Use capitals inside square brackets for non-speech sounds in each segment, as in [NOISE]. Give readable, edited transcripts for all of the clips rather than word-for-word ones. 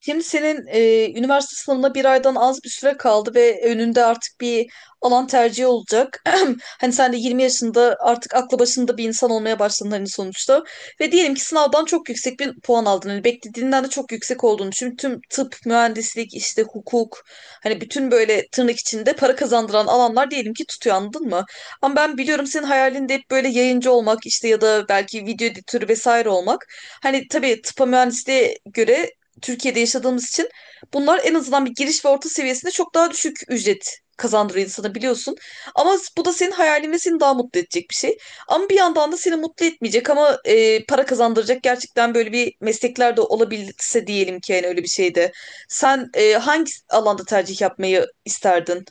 Şimdi senin üniversite sınavına bir aydan az bir süre kaldı ve önünde artık bir alan tercihi olacak. [CLEARS THROAT] Hani sen de 20 yaşında artık aklı başında bir insan olmaya başladın, hani sonuçta. Ve diyelim ki sınavdan çok yüksek bir puan aldın. Hani beklediğinden de çok yüksek olduğunu düşün. Tüm tıp, mühendislik, işte hukuk, hani bütün böyle tırnak içinde para kazandıran alanlar diyelim ki tutuyor, anladın mı? Ama ben biliyorum, senin hayalinde hep böyle yayıncı olmak işte, ya da belki video editörü vesaire olmak. Hani tabii tıpa mühendisliğe göre Türkiye'de yaşadığımız için bunlar en azından bir giriş ve orta seviyesinde çok daha düşük ücret kazandırıyor insana, biliyorsun. Ama bu da senin hayalin ve seni daha mutlu edecek bir şey. Ama bir yandan da seni mutlu etmeyecek ama para kazandıracak gerçekten böyle bir meslekler de olabilse diyelim ki, yani öyle bir şeyde. Sen hangi alanda tercih yapmayı isterdin?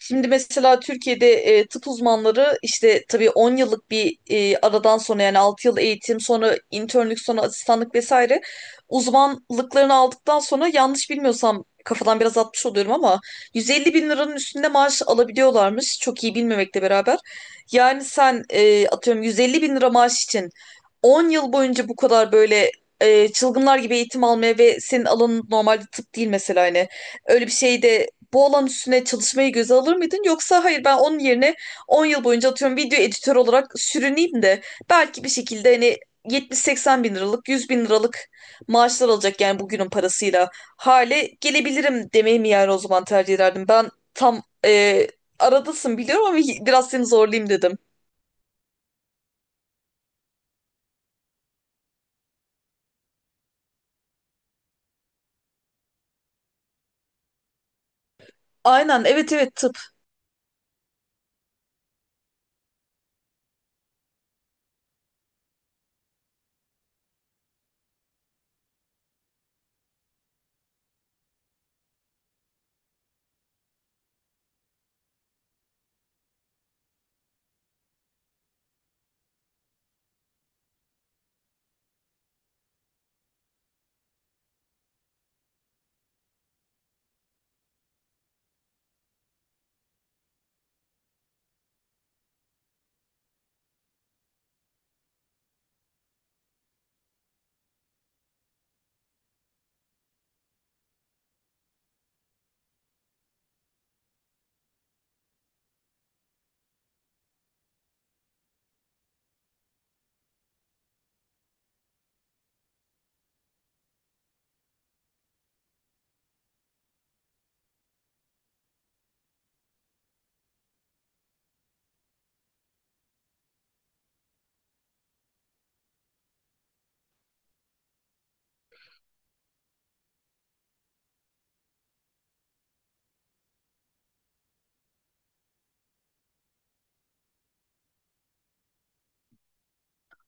Şimdi mesela Türkiye'de tıp uzmanları işte tabii 10 yıllık bir aradan sonra, yani 6 yıl eğitim sonra internlük sonra asistanlık vesaire uzmanlıklarını aldıktan sonra, yanlış bilmiyorsam, kafadan biraz atmış oluyorum ama 150 bin liranın üstünde maaş alabiliyorlarmış, çok iyi bilmemekle beraber. Yani sen atıyorum 150 bin lira maaş için 10 yıl boyunca bu kadar böyle çılgınlar gibi eğitim almaya ve senin alanın normalde tıp değil mesela, hani öyle bir şeyde bu alan üstüne çalışmayı göze alır mıydın? Yoksa hayır, ben onun yerine 10 yıl boyunca atıyorum video editör olarak sürüneyim de belki bir şekilde hani 70-80 bin liralık, 100 bin liralık maaşlar alacak, yani bugünün parasıyla hale gelebilirim demeyi mi, yani o zaman tercih ederdim. Ben tam aradasın biliyorum ama biraz seni zorlayayım dedim. Aynen, evet, evet.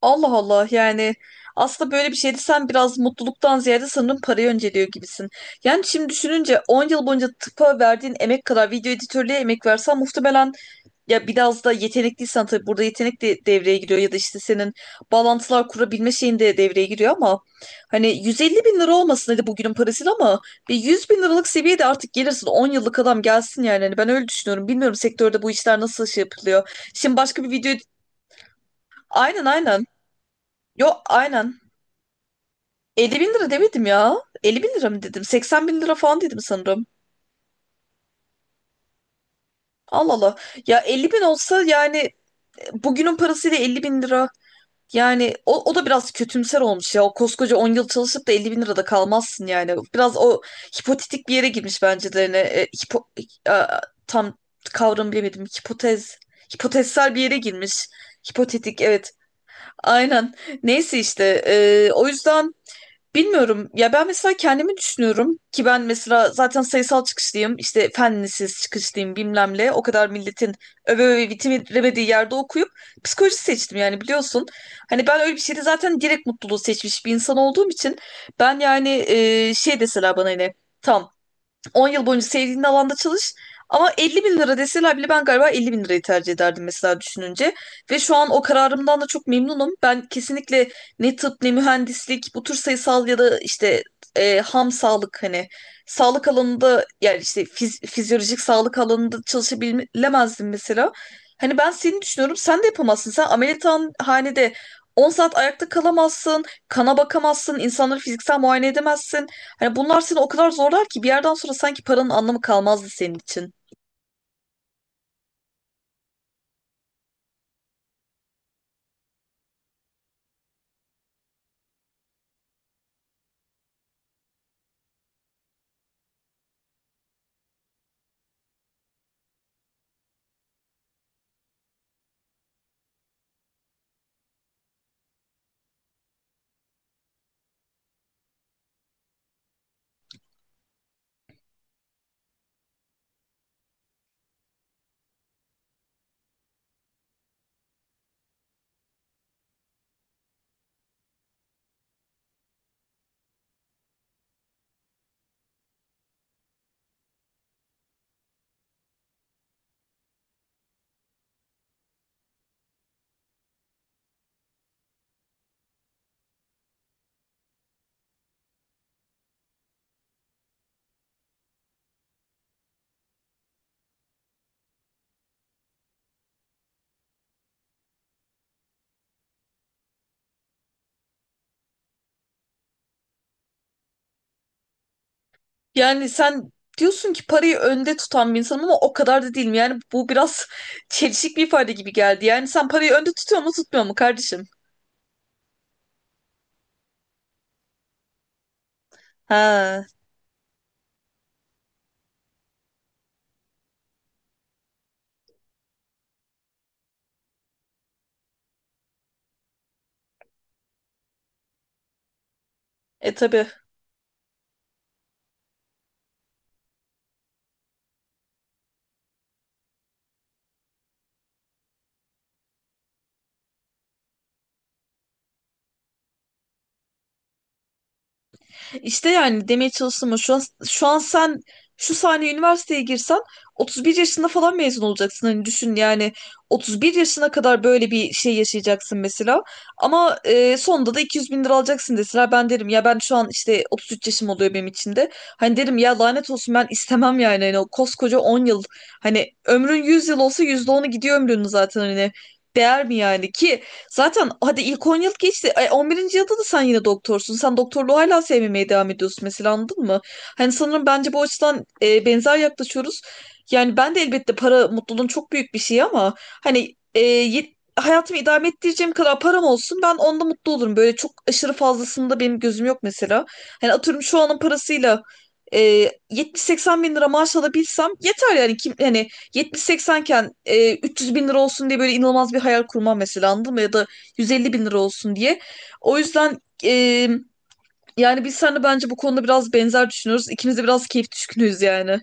Allah Allah, yani aslında böyle bir şeydi, sen biraz mutluluktan ziyade sanırım parayı önceliyor gibisin. Yani şimdi düşününce 10 yıl boyunca tıpa verdiğin emek kadar video editörlüğe emek versen, muhtemelen, ya biraz da yetenekliysen tabii, burada yetenek de devreye giriyor, ya da işte senin bağlantılar kurabilme şeyin de devreye giriyor, ama hani 150 bin lira olmasın hadi bugünün parasıyla ama bir 100 bin liralık seviyede artık gelirsin, 10 yıllık adam gelsin yani. Hani ben öyle düşünüyorum, bilmiyorum sektörde bu işler nasıl şey yapılıyor. Şimdi başka bir video. Aynen, aynen. Yo aynen, 50 bin lira demedim ya. 50 bin lira mı dedim? 80 bin lira falan dedim sanırım. Allah Allah. Ya 50 bin olsa yani, bugünün parasıyla 50 bin lira. Yani o, o da biraz kötümser olmuş ya. O koskoca 10 yıl çalışıp da 50 bin lirada kalmazsın yani. Biraz o hipotetik bir yere girmiş bence de. Yani, e, tam kavram bilemedim. Hipotezsel bir yere girmiş. Hipotetik, evet. Aynen. Neyse işte o yüzden bilmiyorum ya, ben mesela kendimi düşünüyorum ki, ben mesela zaten sayısal çıkışlıyım işte, fen lisesi çıkışlıyım, bilmem o kadar milletin öve öve bitiremediği yerde okuyup psikoloji seçtim yani, biliyorsun. Hani ben öyle bir şeyde zaten direkt mutluluğu seçmiş bir insan olduğum için ben, yani şey deseler bana hani tam 10 yıl boyunca sevdiğin alanda çalış. Ama 50 bin lira deseler bile ben galiba 50 bin lirayı tercih ederdim mesela, düşününce. Ve şu an o kararımdan da çok memnunum. Ben kesinlikle ne tıp ne mühendislik, bu tür sayısal ya da işte ham sağlık, hani sağlık alanında, yani işte fizyolojik sağlık alanında çalışabilemezdim mesela. Hani ben seni düşünüyorum, sen de yapamazsın. Sen ameliyathanede 10 saat ayakta kalamazsın, kana bakamazsın, insanları fiziksel muayene edemezsin. Hani bunlar seni o kadar zorlar ki bir yerden sonra sanki paranın anlamı kalmazdı senin için. Yani sen diyorsun ki parayı önde tutan bir insanım ama o kadar da değilim. Yani bu biraz [LAUGHS] çelişik bir ifade gibi geldi. Yani sen parayı önde tutuyor mu tutmuyor mu kardeşim? Ha, tabii. İşte yani demeye çalıştım o. Şu an, sen şu saniye üniversiteye girsen 31 yaşında falan mezun olacaksın. Hani düşün yani, 31 yaşına kadar böyle bir şey yaşayacaksın mesela. Ama sonunda da 200 bin lira alacaksın deseler, ben derim ya, ben şu an işte 33 yaşım oluyor benim için de. Hani derim ya lanet olsun, ben istemem yani. Hani o koskoca 10 yıl, hani ömrün 100 yıl olsa %10'u gidiyor ömrünün zaten, hani değer mi yani ki? Zaten hadi ilk 10 yıl geçti. 11. yılda da sen yine doktorsun. Sen doktorluğu hala sevmemeye devam ediyorsun mesela, anladın mı? Hani sanırım bence bu açıdan benzer yaklaşıyoruz. Yani ben de elbette, para mutluluğun çok büyük bir şeyi ama hani hayatımı idame ettireceğim kadar param olsun, ben onda mutlu olurum. Böyle çok aşırı fazlasında benim gözüm yok mesela. Hani atıyorum şu anın parasıyla e, 70-80 bin lira maaş alabilsem yeter yani, kim hani yetmiş 80 iken 300 bin lira olsun diye böyle inanılmaz bir hayal kurmam mesela, anladın mı? Ya da 150 bin lira olsun diye. O yüzden yani biz seninle bence bu konuda biraz benzer düşünüyoruz. İkimiz de biraz keyif düşkünüyüz yani.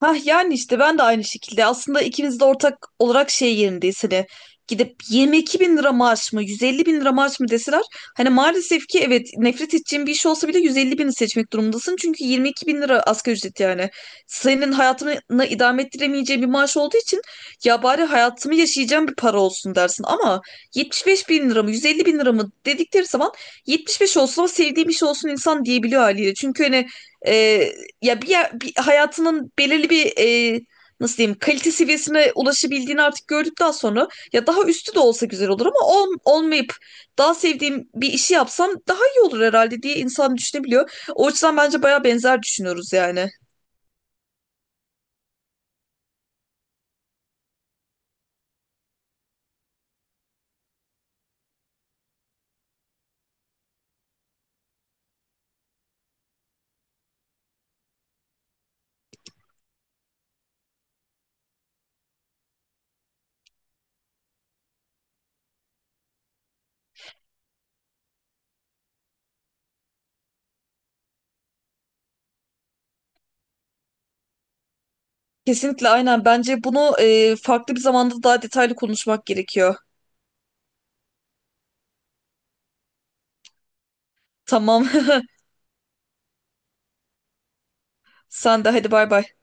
Hah, yani işte ben de aynı şekilde, aslında ikimiz de ortak olarak şey yerindeyiz, hani gidip 22 bin lira maaş mı 150 bin lira maaş mı deseler, hani maalesef ki evet, nefret edeceğin bir iş olsa bile 150 bini seçmek durumundasın çünkü 22 bin lira asgari ücret yani, senin hayatını idame ettiremeyeceğin bir maaş olduğu için ya bari hayatımı yaşayacağım bir para olsun dersin, ama 75 bin lira mı 150 bin lira mı dedikleri zaman 75 olsun ama sevdiğim iş olsun, insan diyebiliyor haliyle, çünkü hani ya bir, bir hayatının belirli bir, e, nasıl diyeyim, kalite seviyesine ulaşabildiğini artık gördükten sonra ya daha üstü de olsa güzel olur ama olmayıp daha sevdiğim bir işi yapsam daha iyi olur herhalde diye insan düşünebiliyor. O açıdan bence baya benzer düşünüyoruz yani. Kesinlikle, aynen. Bence bunu farklı bir zamanda daha detaylı konuşmak gerekiyor. Tamam. [LAUGHS] Sen de, hadi, bay bay.